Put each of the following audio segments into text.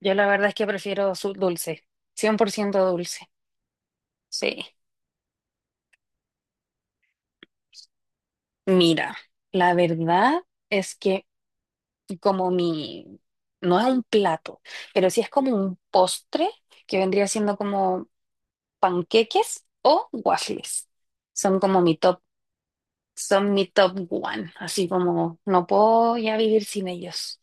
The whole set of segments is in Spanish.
Yo la verdad es que prefiero dulce, cien por ciento dulce. Sí. Mira, la verdad es que como mi, no es un plato, pero sí es como un postre que vendría siendo como panqueques o waffles. Son como mi top, son mi top one, así como no puedo ya vivir sin ellos.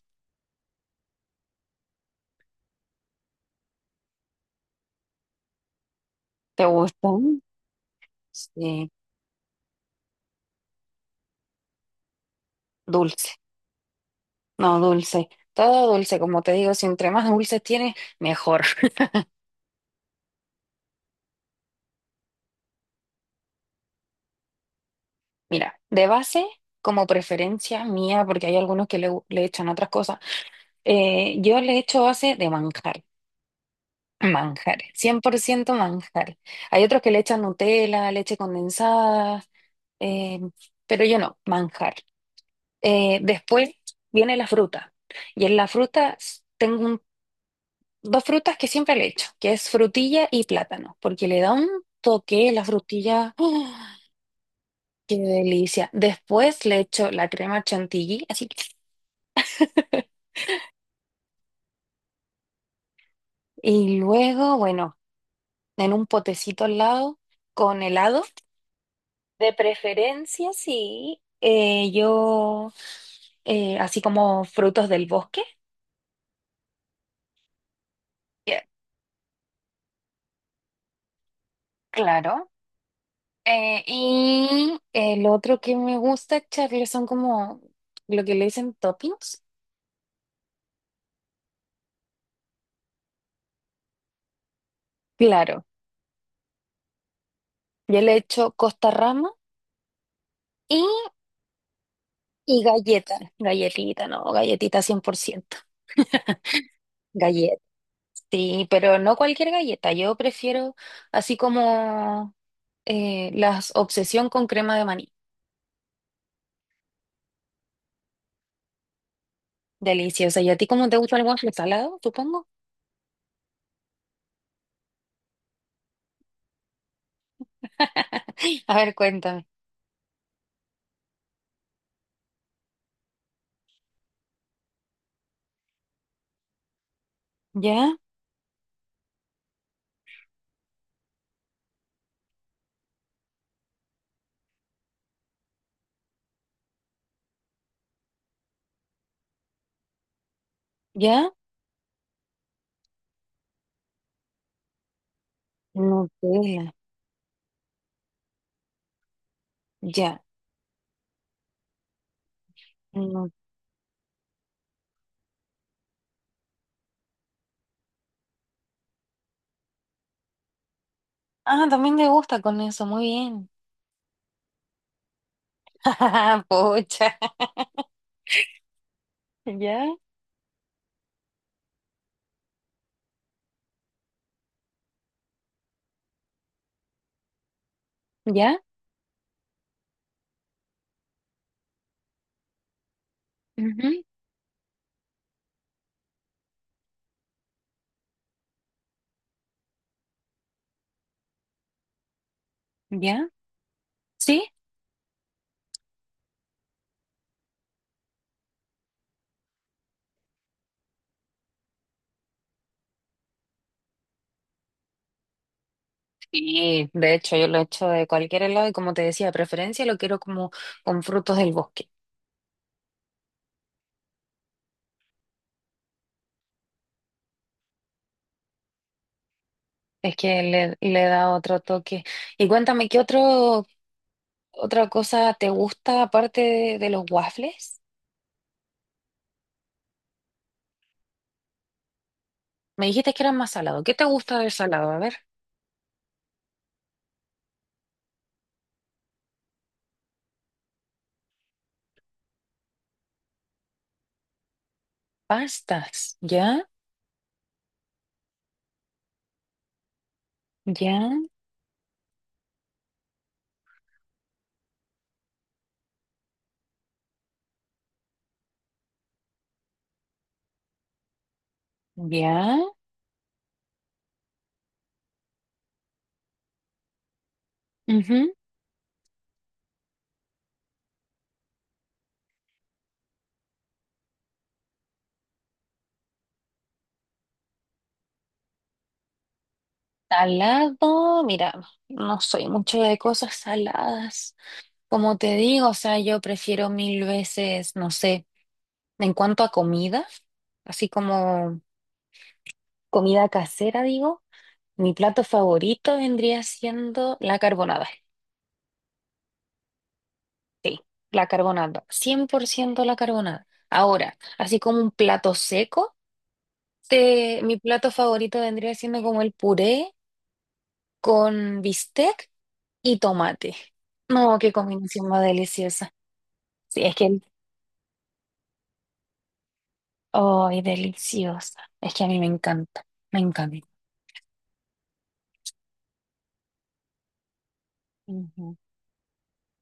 ¿Te gustan? Sí, dulce, no dulce, todo dulce, como te digo, si entre más dulces tienes, mejor. Mira, de base, como preferencia mía, porque hay algunos que le echan otras cosas, yo le echo base de manjar, manjar, cien por ciento manjar. Hay otros que le echan Nutella, leche condensada, eh, pero yo no, manjar. Después viene la fruta, y en la fruta tengo dos frutas que siempre le echo, que es frutilla y plátano, porque le da un toque la frutilla. ¡Ah! Qué delicia. Después le echo la crema chantilly, así. Y luego, bueno, en un potecito al lado, con helado, de preferencia, sí. Yo, así como frutos del bosque, que- claro. Y el otro que me gusta echarle son como lo que le dicen toppings. Claro, yo le echo costa rama y, galleta, galletita, no, galletita 100%. Sí, pero no cualquier galleta. Yo prefiero así como las obsesión con crema de maní. Deliciosa. ¿Y a ti cómo te gusta el waffle salado, supongo? A ver, cuéntame. ¿Ya? ¿Ya? Nutella. Ya. Nu- Ah, también me gusta con eso. Muy bien. Pucha. ¿Ya? ¿Ya? Ujú. ¿Ya? ¿Sí? Sí, de hecho yo lo he hecho de cualquier helado y como te decía, de preferencia lo quiero como con frutos del bosque. Es que le da otro toque. Y cuéntame, ¿qué otro, otra cosa te gusta aparte de los waffles? Me dijiste que eran más salados. ¿Qué te gusta del salado? A ver, pastas. ¿Ya? ¿Ya? ¿Ya? Ujú. Salado, mira, no soy mucho de cosas saladas. Como te digo, o sea, yo prefiero mil veces, no sé, en cuanto a comida, así como comida casera, digo. Mi plato favorito vendría siendo la carbonada. Sí, la carbonata, 100% la carbonada. Ahora, así como un plato seco, mi plato favorito vendría siendo como el puré con bistec y tomate. No, qué combinación más deliciosa. Sí, es que, ay, deliciosa. Es que a mí me encanta, me encanta. Ujú.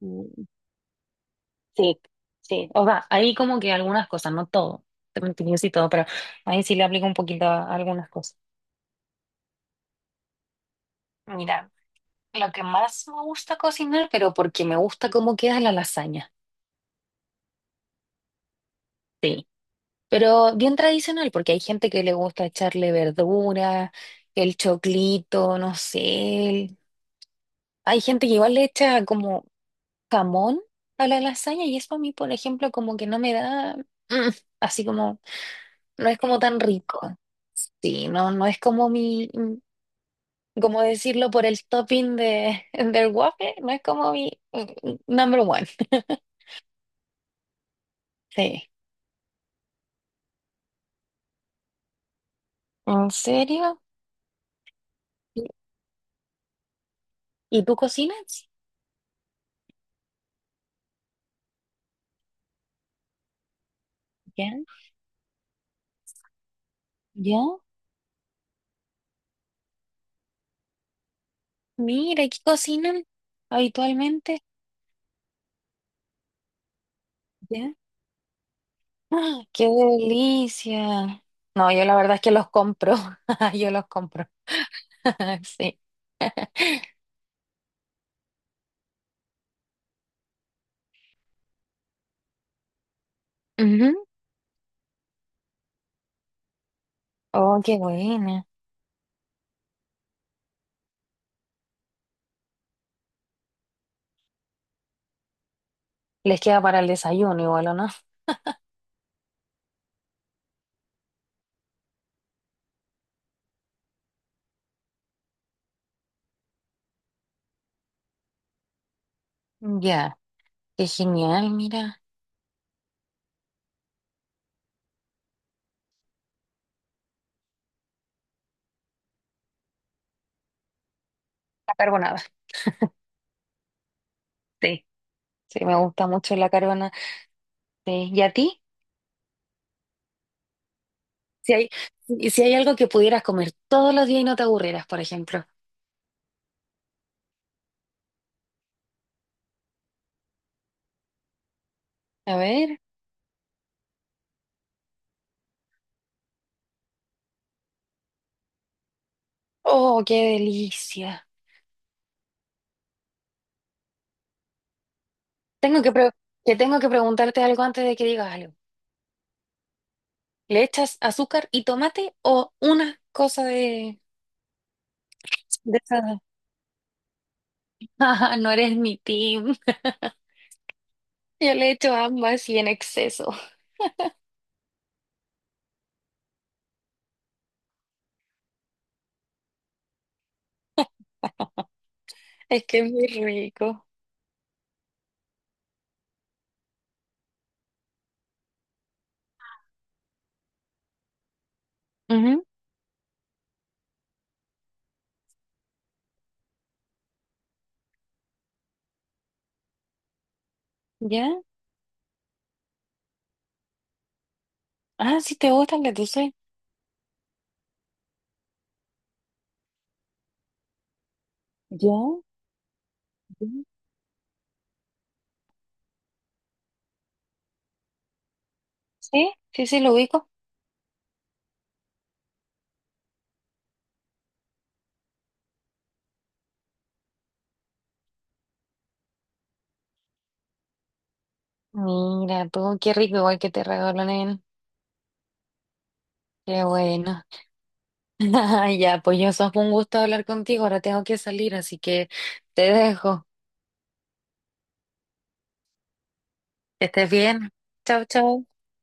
Mm, sí, sí. O sea, ahí como que algunas cosas, no todo. Te mentiría si todo, pero ahí sí le aplico un poquito a algunas cosas. Mira. Lo que más me gusta cocinar, pero porque me gusta cómo queda la lasaña. Sí. Pero bien tradicional, porque hay gente que le gusta echarle verdura, el choclito, no sé. Hay gente que igual le echa como jamón a la lasaña y eso a mí, por ejemplo, como que no me da, mm, así como, no es como tan rico. Sí, no, no es como mi, como decirlo por el topping de, del waffle, no es como mi number one. Sí. ¿En serio? ¿Y, y tú cocinas? ¿Ya? ¿Ya? Mira, ¿qué cocinan habitualmente? ¿Ya? ¡Ah, qué delicia! No, yo la verdad es que los compro. Yo los compro. Sí. Ujú. Oh, qué buena. Les queda para el desayuno igual, ¿o no? Ya, qué genial, mira. La carbonada, sí. Sí, me gusta mucho la carbonada. Sí. ¿Y a ti? Si hay, si hay algo que pudieras comer todos los días y no te aburrieras, por ejemplo. A ver. Oh, qué delicia. Tengo que pre- Te tengo que preguntarte algo antes de que digas algo. ¿Le echas azúcar y tomate o una cosa de esa? Ah, no eres mi team. Yo le echo ambas y en exceso. Es que es muy rico. Ujú, ¿ya? Ah, sí te gusta el de. ¿Ya? ¿Ya? ¿Sí? Sí, sí, lo ubico. Mira, tú, qué rico igual que te regaló, nen. Qué bueno. Ya, pues yo, fue un gusto hablar contigo. Ahora tengo que salir, así que te dejo. Que estés bien. Chau, chau.